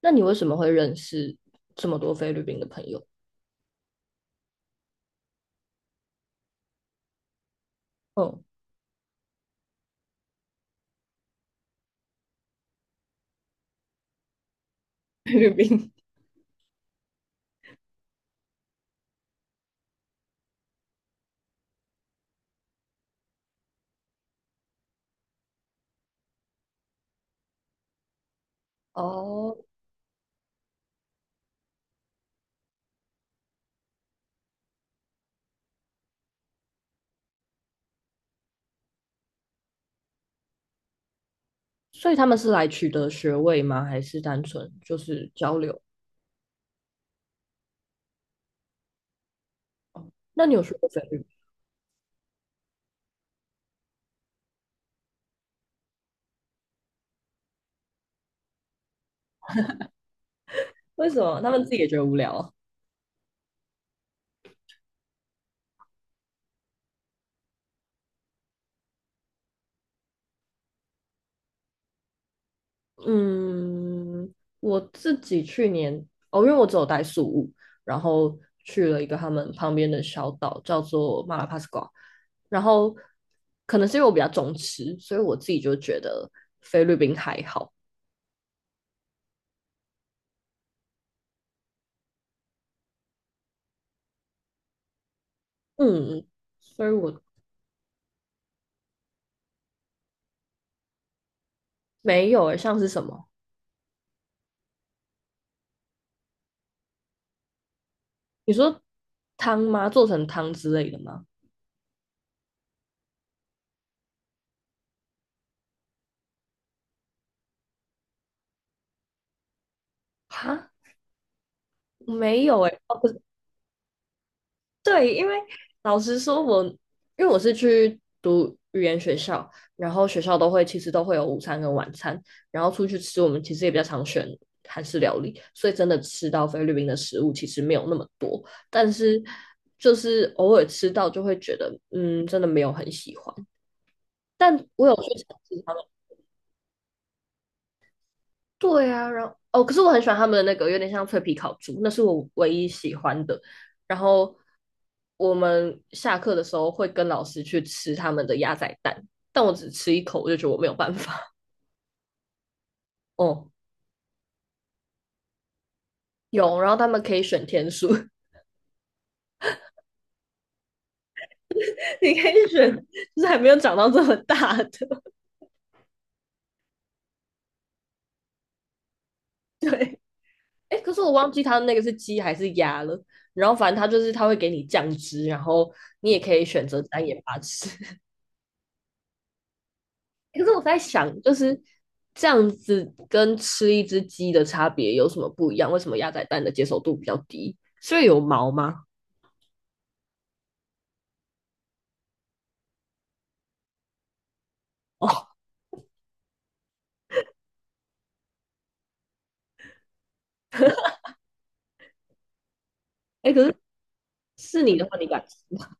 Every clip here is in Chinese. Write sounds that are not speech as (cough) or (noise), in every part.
那你为什么会认识这么多菲律宾的朋友？嗯，菲律宾。(laughs) 哦，所以他们是来取得学位吗？还是单纯就是交流？那你有学过菲律宾？为什么他们自己也觉得无聊啊？嗯，我自己去年，哦，因为我只有待宿务，然后去了一个他们旁边的小岛，叫做马拉帕斯瓜。然后可能是因为我比较重吃，所以我自己就觉得菲律宾还好。嗯，所以我没有诶，像是什么？你说汤吗？做成汤之类的吗？哈，没有诶。哦，不是，对，因为老实说我，因为我是去读语言学校，然后学校都会其实都会有午餐跟晚餐，然后出去吃，我们其实也比较常选韩式料理，所以真的吃到菲律宾的食物其实没有那么多，但是就是偶尔吃到就会觉得，嗯，真的没有很喜欢。但我有去尝试他们，对啊，然后哦，可是我很喜欢他们的那个有点像脆皮烤猪，那是我唯一喜欢的。然后我们下课的时候会跟老师去吃他们的鸭仔蛋，但我只吃一口我就觉得我没有办法。(laughs) 哦，有，然后他们可以选天数，(laughs) 你可以选，就是还没有长到这么大的。(laughs) 对，哎，可是我忘记他那个是鸡还是鸭了。然后反正他就是他会给你酱汁，然后你也可以选择单眼巴吃。可是我在想，就是这样子跟吃一只鸡的差别有什么不一样？为什么鸭仔蛋的接受度比较低？是因为有毛吗？哦，哎，可是是你的话，你敢吃吗？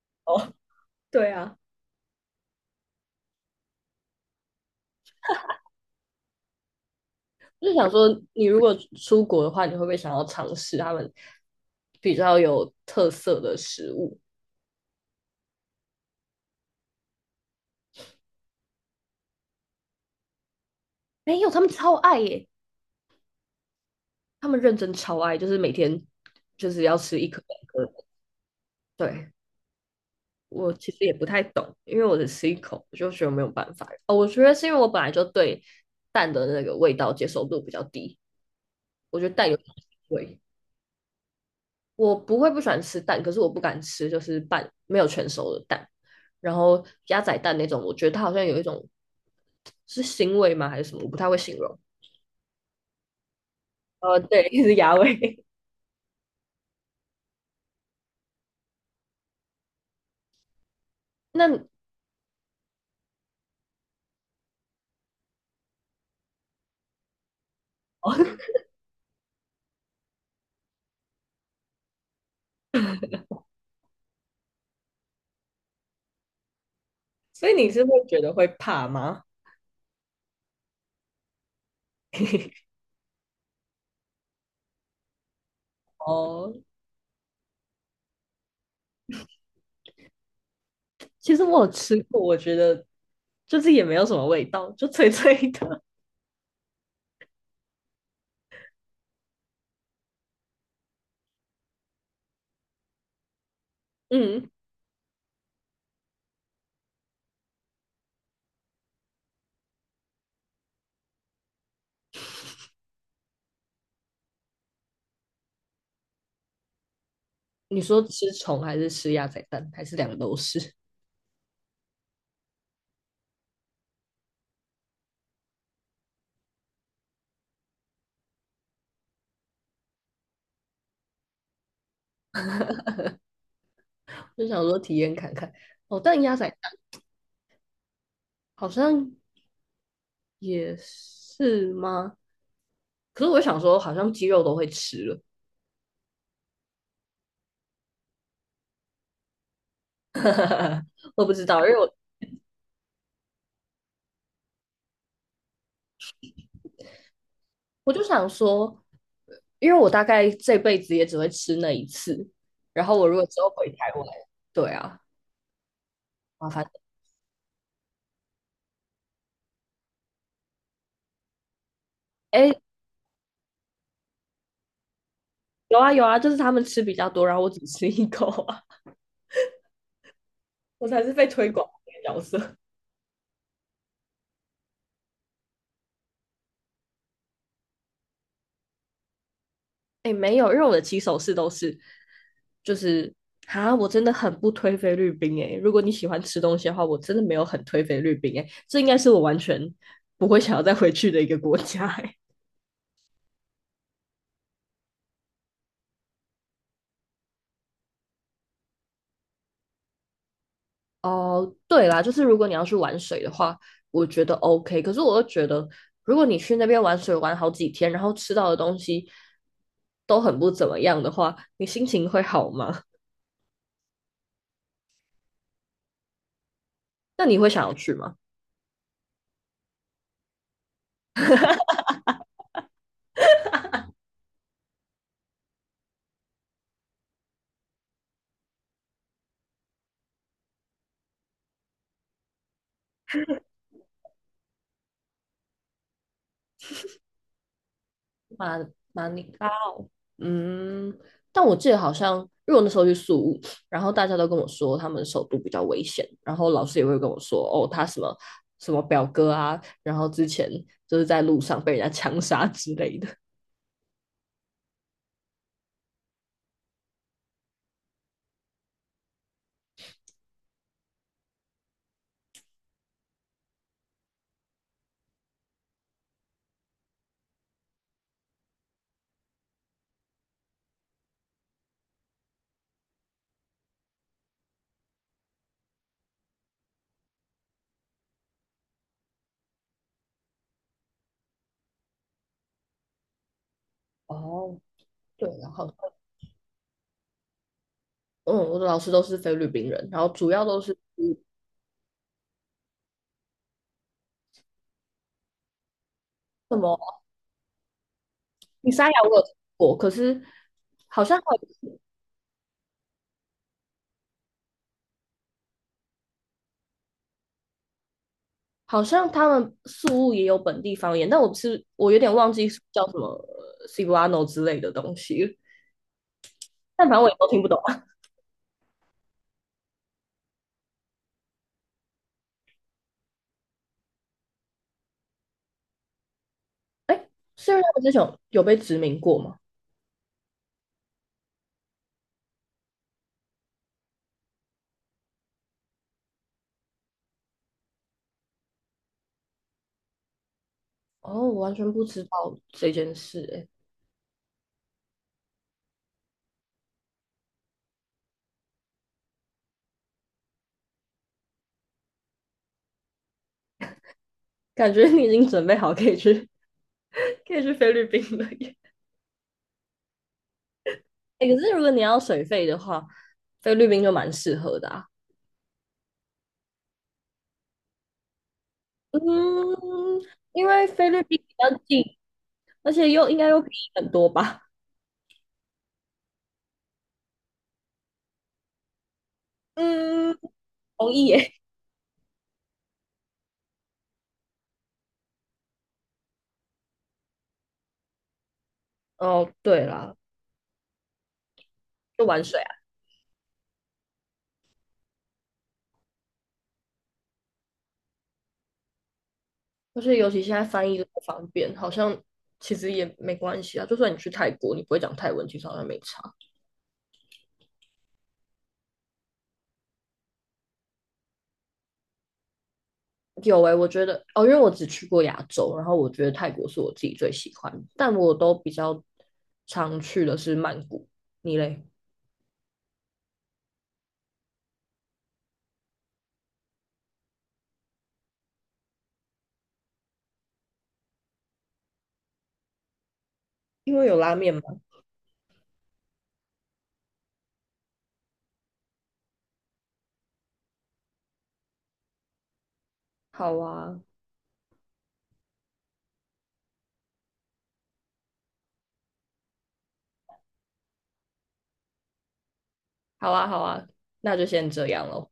(laughs) 哦，对啊，就是想说，你如果出国的话，你会不会想要尝试他们比较有特色的食物？没有，他们超爱耶，他们认真超爱，就是每天就是要吃一颗两颗，对。我其实也不太懂，因为我只吃一口，我就觉得没有办法。哦，我觉得是因为我本来就对蛋的那个味道接受度比较低，我觉得蛋有腥味，我不会不喜欢吃蛋，可是我不敢吃就是半没有全熟的蛋，然后鸭仔蛋那种，我觉得它好像有一种是腥味吗还是什么，我不太会形容。对，(laughs) 是鸭味。(laughs) 那，哦，所以你是会觉得会怕吗？(laughs) 哦，其实我有吃过，我觉得就是也没有什么味道，就脆脆的。(laughs) 嗯，你说吃虫还是吃鸭仔蛋，还是两个都是？(laughs) 就想说体验看看。哦，但鸭仔蛋好像也是吗？可是我想说，好像鸡肉都会吃了，我不知道，因为我就想说，因为我大概这辈子也只会吃那一次。然后我如果之后回台湾，对啊，麻烦。哎，有啊有啊，就是他们吃比较多，然后我只吃一口啊。我才是被推广的角色。(laughs) 哎，欸没有，因为我的起手式都是，就是啊，我真的很不推菲律宾哎。欸如果你喜欢吃东西的话，我真的没有很推菲律宾哎，欸这应该是我完全不会想要再回去的一个国家哎。欸哦，对啦，就是如果你要去玩水的话，我觉得 OK。可是我又觉得，如果你去那边玩水玩好几天，然后吃到的东西都很不怎么样的话，你心情会好吗？那你会想要去吗？马马尼拉。嗯，但我记得好像，因为我那时候去宿务，然后大家都跟我说他们首都比较危险，然后老师也会跟我说，哦，他什么什么表哥啊，然后之前就是在路上被人家枪杀之类的。哦，对，然后嗯，我的老师都是菲律宾人，然后主要都是什么米沙亚我有听过，可是好像还有好像他们宿务也有本地方言，但我是我有点忘记叫什么 Cebuano 之类的东西，但反正我也都听不懂。哎，是因为他们之前有被殖民过吗？哦，我完全不知道这件事、哎，感觉你已经准备好可以去 (laughs) 可以去菲律宾了耶。(laughs) 哎，可是如果你要水费的话，菲律宾就蛮适合的啊。嗯，因为菲律宾比较近，而且又应该又便宜很多吧。嗯，同意耶。哦，对啦，就玩水啊，而且尤其现在翻译都不方便，好像其实也没关系啊。就算你去泰国，你不会讲泰文，其实好像没差。有诶、欸我觉得哦，因为我只去过亚洲，然后我觉得泰国是我自己最喜欢，但我都比较常去的是曼谷。你嘞？因为有拉面吗？好啊，好啊，好啊，那就先这样咯。